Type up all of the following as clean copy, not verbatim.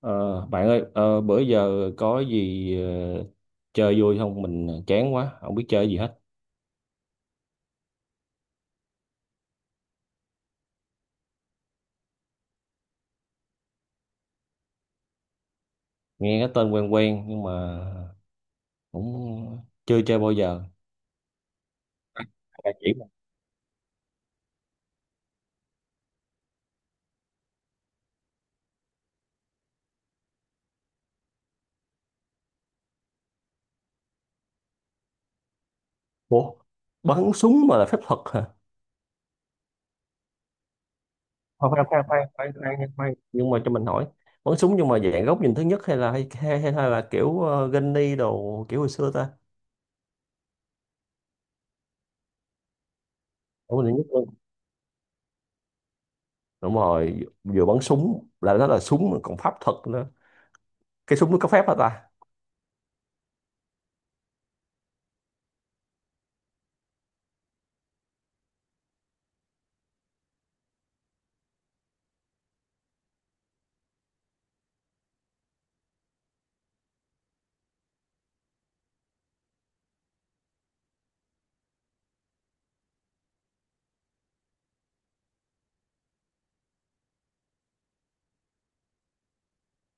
Ờ, bạn ơi, bữa giờ có gì chơi vui không? Mình chán quá, không biết chơi gì hết. Nghe cái tên quen quen nhưng mà cũng chưa chơi bao giờ. Bạn chỉ mình. Ủa, bắn súng mà là phép thuật hả? Khoan khoan khoan khoan khoan khoan nha, khoan. Nhưng mà cho mình hỏi, bắn súng nhưng mà dạng góc nhìn thứ nhất hay là kiểu Gunny đồ kiểu hồi xưa ta? Góc nhìn thứ nhất luôn. Đúng rồi, vừa bắn súng là nó là súng mà còn pháp thuật nữa. Cái súng nó có phép hả ta?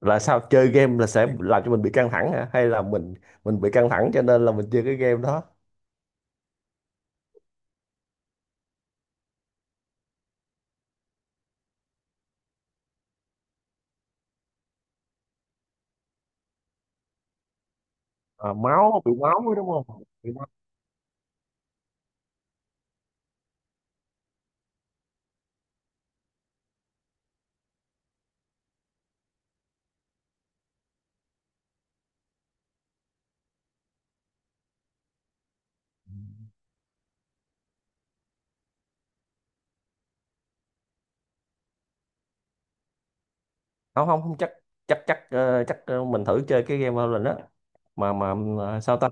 Là sao, chơi game là sẽ làm cho mình bị căng thẳng hả hay là mình bị căng thẳng cho nên là mình chơi cái game đó? À, máu, bị máu ấy đúng không? Bị máu. Không không không chắc, chắc chắc mình thử chơi cái game Valorant đó mà, sao ta.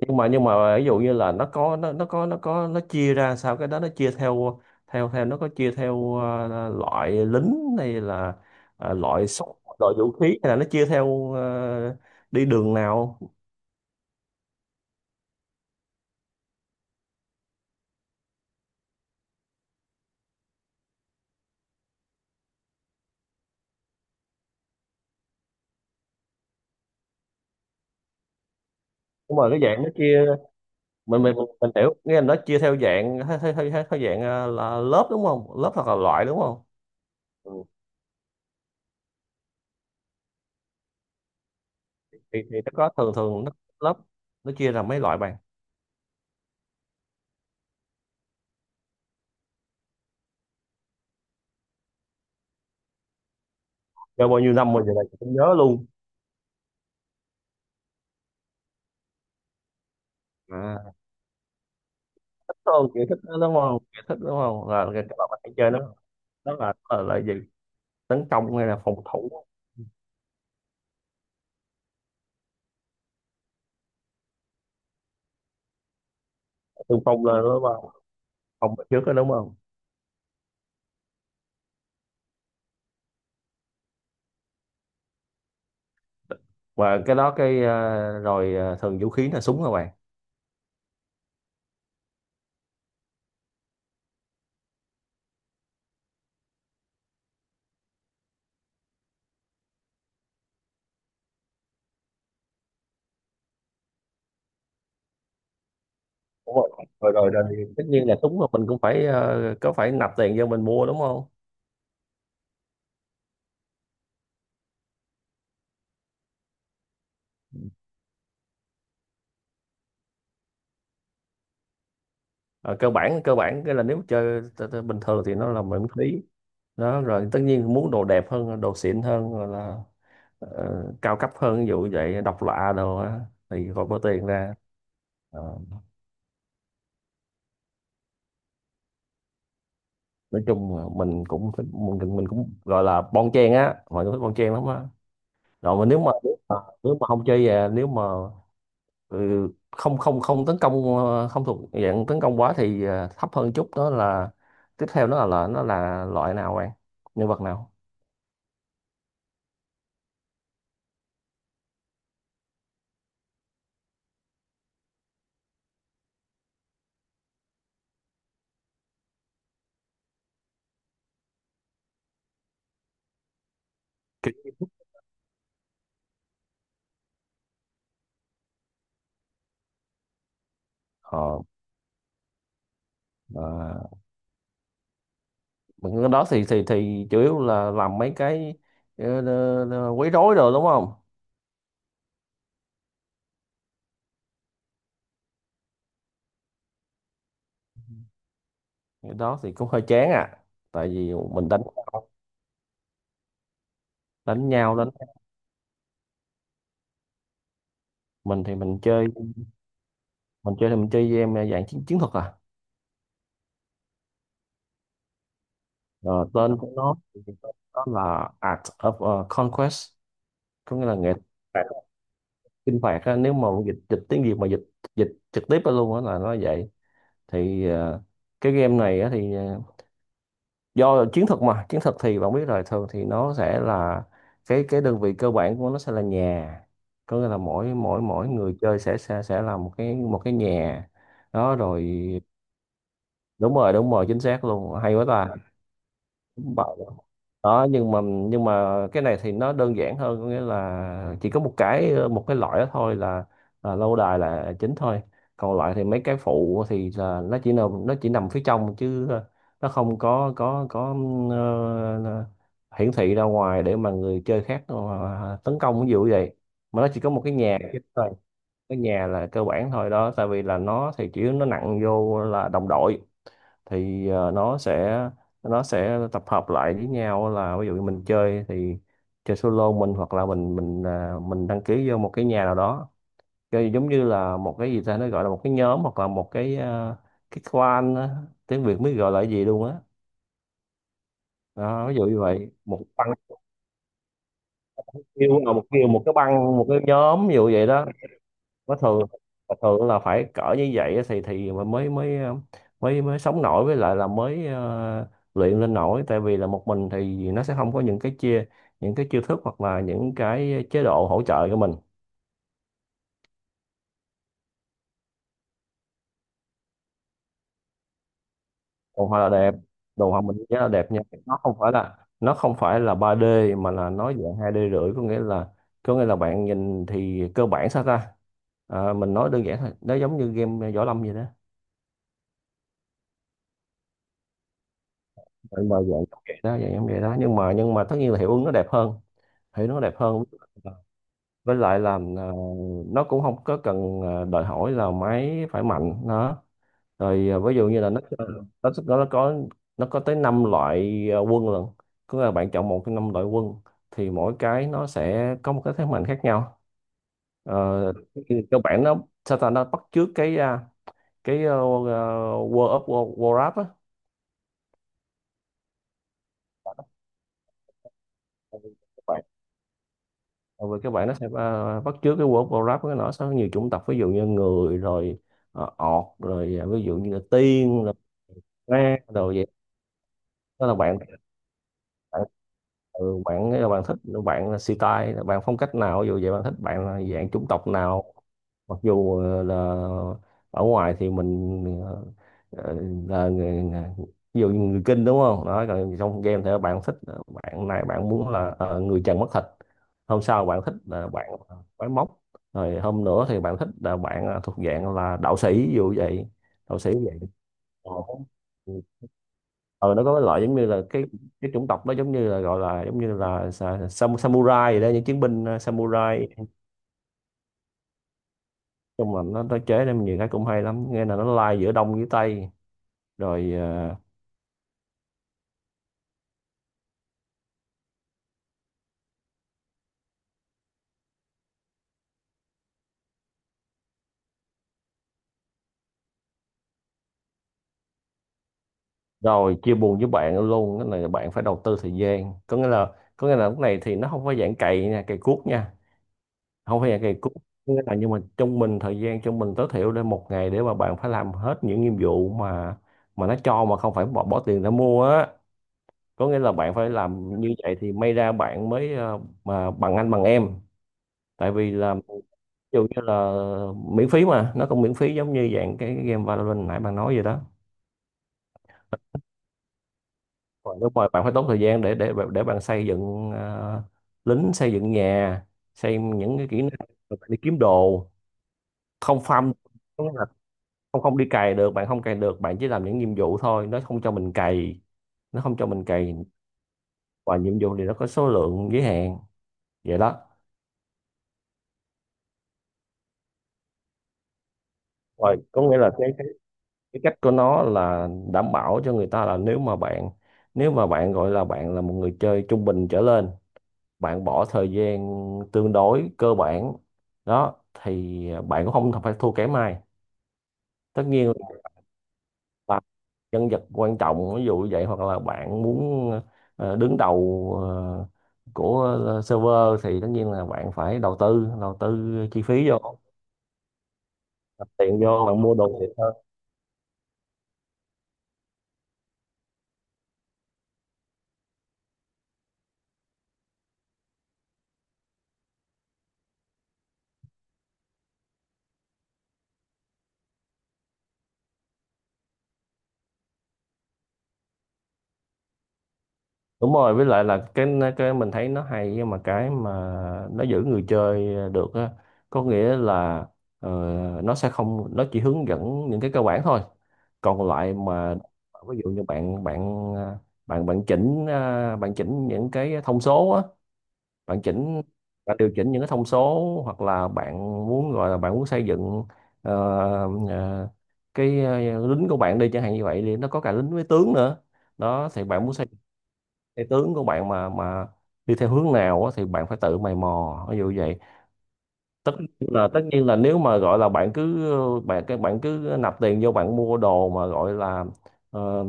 Nhưng mà, nhưng mà ví dụ như là nó chia ra sao, cái đó nó chia theo, theo nó có chia theo loại lính hay là loại súng, loại vũ khí, hay là nó chia theo đi đường nào? Nhưng mà cái dạng nó chia, mình hiểu nghĩa là nó chia theo dạng theo dạng là lớp đúng không, lớp hoặc là loại đúng không? Ừ. Thì nó có, thường thường nó lớp, nó chia ra mấy loại bạn? Rồi bao nhiêu năm mình giờ này cũng nhớ luôn. À. Thích hơn kiểu thích đó đúng không, kiểu thích đúng không là cái các bạn hay chơi nó đó là, là gì, tấn công hay là phòng thủ, xung phong lên đúng không, phòng ở trước đó đúng không? Và cái đó cái rồi thường vũ khí là súng hả bạn? Đúng rồi. Rồi. Tất nhiên là súng là mình cũng phải có phải nạp tiền cho mình mua đúng không? Ờ, cơ bản, cơ bản cái là nếu chơi bình thường thì nó là miễn phí đó, rồi tất nhiên muốn đồ đẹp hơn, đồ xịn hơn, rồi là ờ, cao cấp hơn, ví dụ như vậy, độc lạ đồ á, thì còn bỏ tiền ra. Ờ, nói chung là mình cũng thích, mình cũng gọi là bon chen á, mọi người thích bon chen lắm á. Rồi mà, nếu mà, nếu mà không chơi về, nếu mà, ừ, không không không tấn công, không thuộc dạng tấn công quá thì thấp hơn chút đó là tiếp theo, nó là nó là loại nào bạn, nhân vật nào? Kỵ. À, mình cái đó thì chủ yếu là làm mấy cái quấy rối rồi đúng không? Cái đó thì cũng hơi chán à. Tại vì mình đánh, đánh nhau, đánh. Mình thì mình chơi, mình chơi thì mình chơi game dạng chiến chiến thuật à. Ờ, tên của nó thì đó là Art of Conquest, có nghĩa là nghệ thuật chinh phạt á. Nếu mà dịch, dịch tiếng Việt mà dịch, dịch trực tiếp ra luôn á là nó vậy. Thì ờ, cái game này á thì do chiến thuật mà chiến thuật thì bạn biết rồi, thường thì nó sẽ là cái đơn vị cơ bản của nó sẽ là nhà, có nghĩa là mỗi mỗi mỗi người chơi sẽ là một cái, một cái nhà đó rồi. Đúng rồi, đúng rồi, chính xác luôn, hay quá ta. Đúng bảo đó. Nhưng mà, nhưng mà cái này thì nó đơn giản hơn, có nghĩa là chỉ có một cái, một cái loại đó thôi, là lâu đài là chính thôi, còn lại thì mấy cái phụ thì là nó chỉ nằm phía trong chứ nó không có ờ, hiển thị ra ngoài để mà người chơi khác tấn công, ví dụ vậy, mà nó chỉ có một cái nhà chính thôi. Cái nhà là cơ bản thôi đó, tại vì là nó thì chủ yếu nó nặng vô là đồng đội, thì nó sẽ tập hợp lại với nhau, là ví dụ như mình chơi thì chơi solo mình, hoặc là mình mình đăng ký vô một cái nhà nào đó, chơi giống như là một cái gì ta, nó gọi là một cái nhóm, hoặc là một cái, cái clan á. Tiếng Việt mới gọi là cái gì luôn á. Đó, ví dụ như vậy, một băng, kêu là một, kêu một cái băng, một cái nhóm ví dụ vậy đó. Có thường, và thường là phải cỡ như vậy á, thì mà mới mới mới mới sống nổi, với lại là mới luyện lên nổi, tại vì là một mình thì nó sẽ không có những cái chia, những cái chiêu thức, hoặc là những cái chế độ hỗ trợ cho mình. Đồ họa là đẹp, đồ họa mình rất là đẹp nha. Nó không phải là, nó không phải là ba d, mà là nó dạng hai d rưỡi, có nghĩa là, có nghĩa là bạn nhìn thì cơ bản sao ta. À, mình nói đơn giản thôi, nó giống như game võ lâm vậy đó. Mình mà dạng giống vậy đó, dạng giống vậy đó, nhưng mà, nhưng mà tất nhiên là hiệu ứng nó đẹp hơn, thấy nó đẹp hơn. Với lại là nó cũng không có cần đòi hỏi là máy phải mạnh đó, rồi ví dụ như là nó có, nó có tới 5 loại quân lần, cứ là bạn chọn một trong năm loại quân thì mỗi cái nó sẽ có một cái thế mạnh khác nhau. Ờ, thì cơ bản nó sao ta, nó bắt chước cái, cái World of War, Warcraft á. Tại vì các bạn nó sẽ bắt chước cái World of Warcraft, nó sẽ có nhiều chủng tộc, ví dụ như người, rồi ọt, rồi ví dụ như là tiên, rồi ma, rồi vậy đó là bạn, bạn ừ, bạn bạn thích, bạn là style, bạn phong cách nào ví dụ vậy, bạn thích, bạn là dạng chủng tộc nào. Mặc dù là ở ngoài thì mình ờ, là người, ví dụ như người kinh đúng không, đó còn trong game thì bạn thích bạn này bạn muốn là người trần mất thịt, hôm sau bạn thích là bạn quái móc, rồi hôm nữa thì bạn thích là bạn thuộc dạng là đạo sĩ, ví dụ vậy. Đạo sĩ vậy. ờ ờ, nó có cái loại giống như là cái chủng tộc đó, giống như là gọi là giống như là samurai vậy đó, những chiến binh samurai. Nhưng mà nó chế nên nhiều cái cũng hay lắm nghe, là nó lai giữa đông với tây, rồi rồi chia buồn với bạn luôn, cái này là bạn phải đầu tư thời gian, có nghĩa là, có nghĩa là lúc này thì nó không phải dạng cày nha, cày cuốc nha, không phải dạng cày cuốc. Có nghĩa là, nhưng mà trung bình, thời gian trung bình tối thiểu để một ngày để mà bạn phải làm hết những nhiệm vụ mà nó cho mà không phải bỏ tiền ra mua á, có nghĩa là bạn phải làm như vậy thì may ra bạn mới mà bằng anh bằng em. Tại vì là ví dụ như là miễn phí, mà nó cũng miễn phí giống như dạng cái game Valorant nãy bạn nói vậy đó. Còn nếu mà bạn phải tốn thời gian để bạn xây dựng lính, xây dựng nhà, xây những cái kỹ năng, rồi bạn đi kiếm đồ, không farm. Đúng là không không đi cày được, bạn không cày được, bạn chỉ làm những nhiệm vụ thôi, nó không cho mình cày, nó không cho mình cày. Và nhiệm vụ thì nó có số lượng giới hạn, vậy đó. Rồi có nghĩa là cái cách của nó là đảm bảo cho người ta là nếu mà bạn, nếu mà bạn gọi là bạn là một người chơi trung bình trở lên, bạn bỏ thời gian tương đối cơ bản, đó thì bạn cũng không phải thua kém ai. Tất nhiên là nhân vật quan trọng ví dụ như vậy, hoặc là bạn muốn đứng đầu của server thì tất nhiên là bạn phải đầu tư, đầu tư chi phí vô, đặt tiền vô bạn mua đồ thiệt. Đúng rồi, với lại là cái mình thấy nó hay, nhưng mà cái mà nó giữ người chơi được á, có nghĩa là ờ, nó sẽ không, nó chỉ hướng dẫn những cái cơ bản thôi, còn lại mà ví dụ như bạn bạn bạn bạn chỉnh, bạn chỉnh những cái thông số á, bạn chỉnh, bạn điều chỉnh những cái thông số, hoặc là bạn muốn gọi là bạn muốn xây dựng ờ, ờ, cái lính của bạn đi chẳng hạn như vậy, thì nó có cả lính với tướng nữa, đó thì bạn muốn xây cái tướng của bạn mà đi theo hướng nào á, thì bạn phải tự mày mò ví dụ vậy. tất Tất nhiên là nếu mà gọi là các bạn cứ nạp tiền vô bạn mua đồ mà gọi là ờ,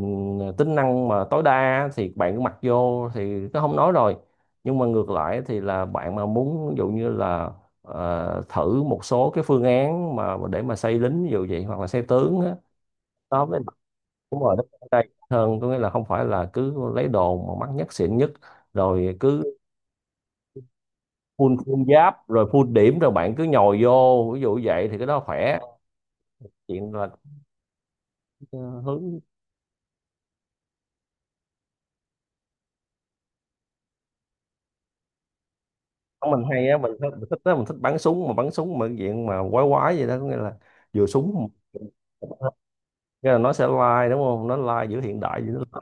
tính năng mà tối đa á, thì bạn cứ mặc vô thì nó không nói rồi. Nhưng mà ngược lại thì là bạn mà muốn ví dụ như là thử một số cái phương án mà để mà xây lính ví dụ vậy, hoặc là xây tướng á, đó mới. Đúng rồi, nó đây hơn, có nghĩa là không phải là cứ lấy đồ mà mắc nhất, xịn nhất, rồi cứ full full giáp, rồi full điểm, rồi bạn cứ nhồi vô ví dụ vậy, thì cái đó khỏe. Chuyện là cái hướng của mình hay á, mình thích, đó, mình thích bắn súng mà, bắn súng mà cái chuyện mà quái quái vậy đó, có nghĩa là vừa súng, nghĩa là nó sẽ lai đúng không, nó lai giữa hiện đại với nó.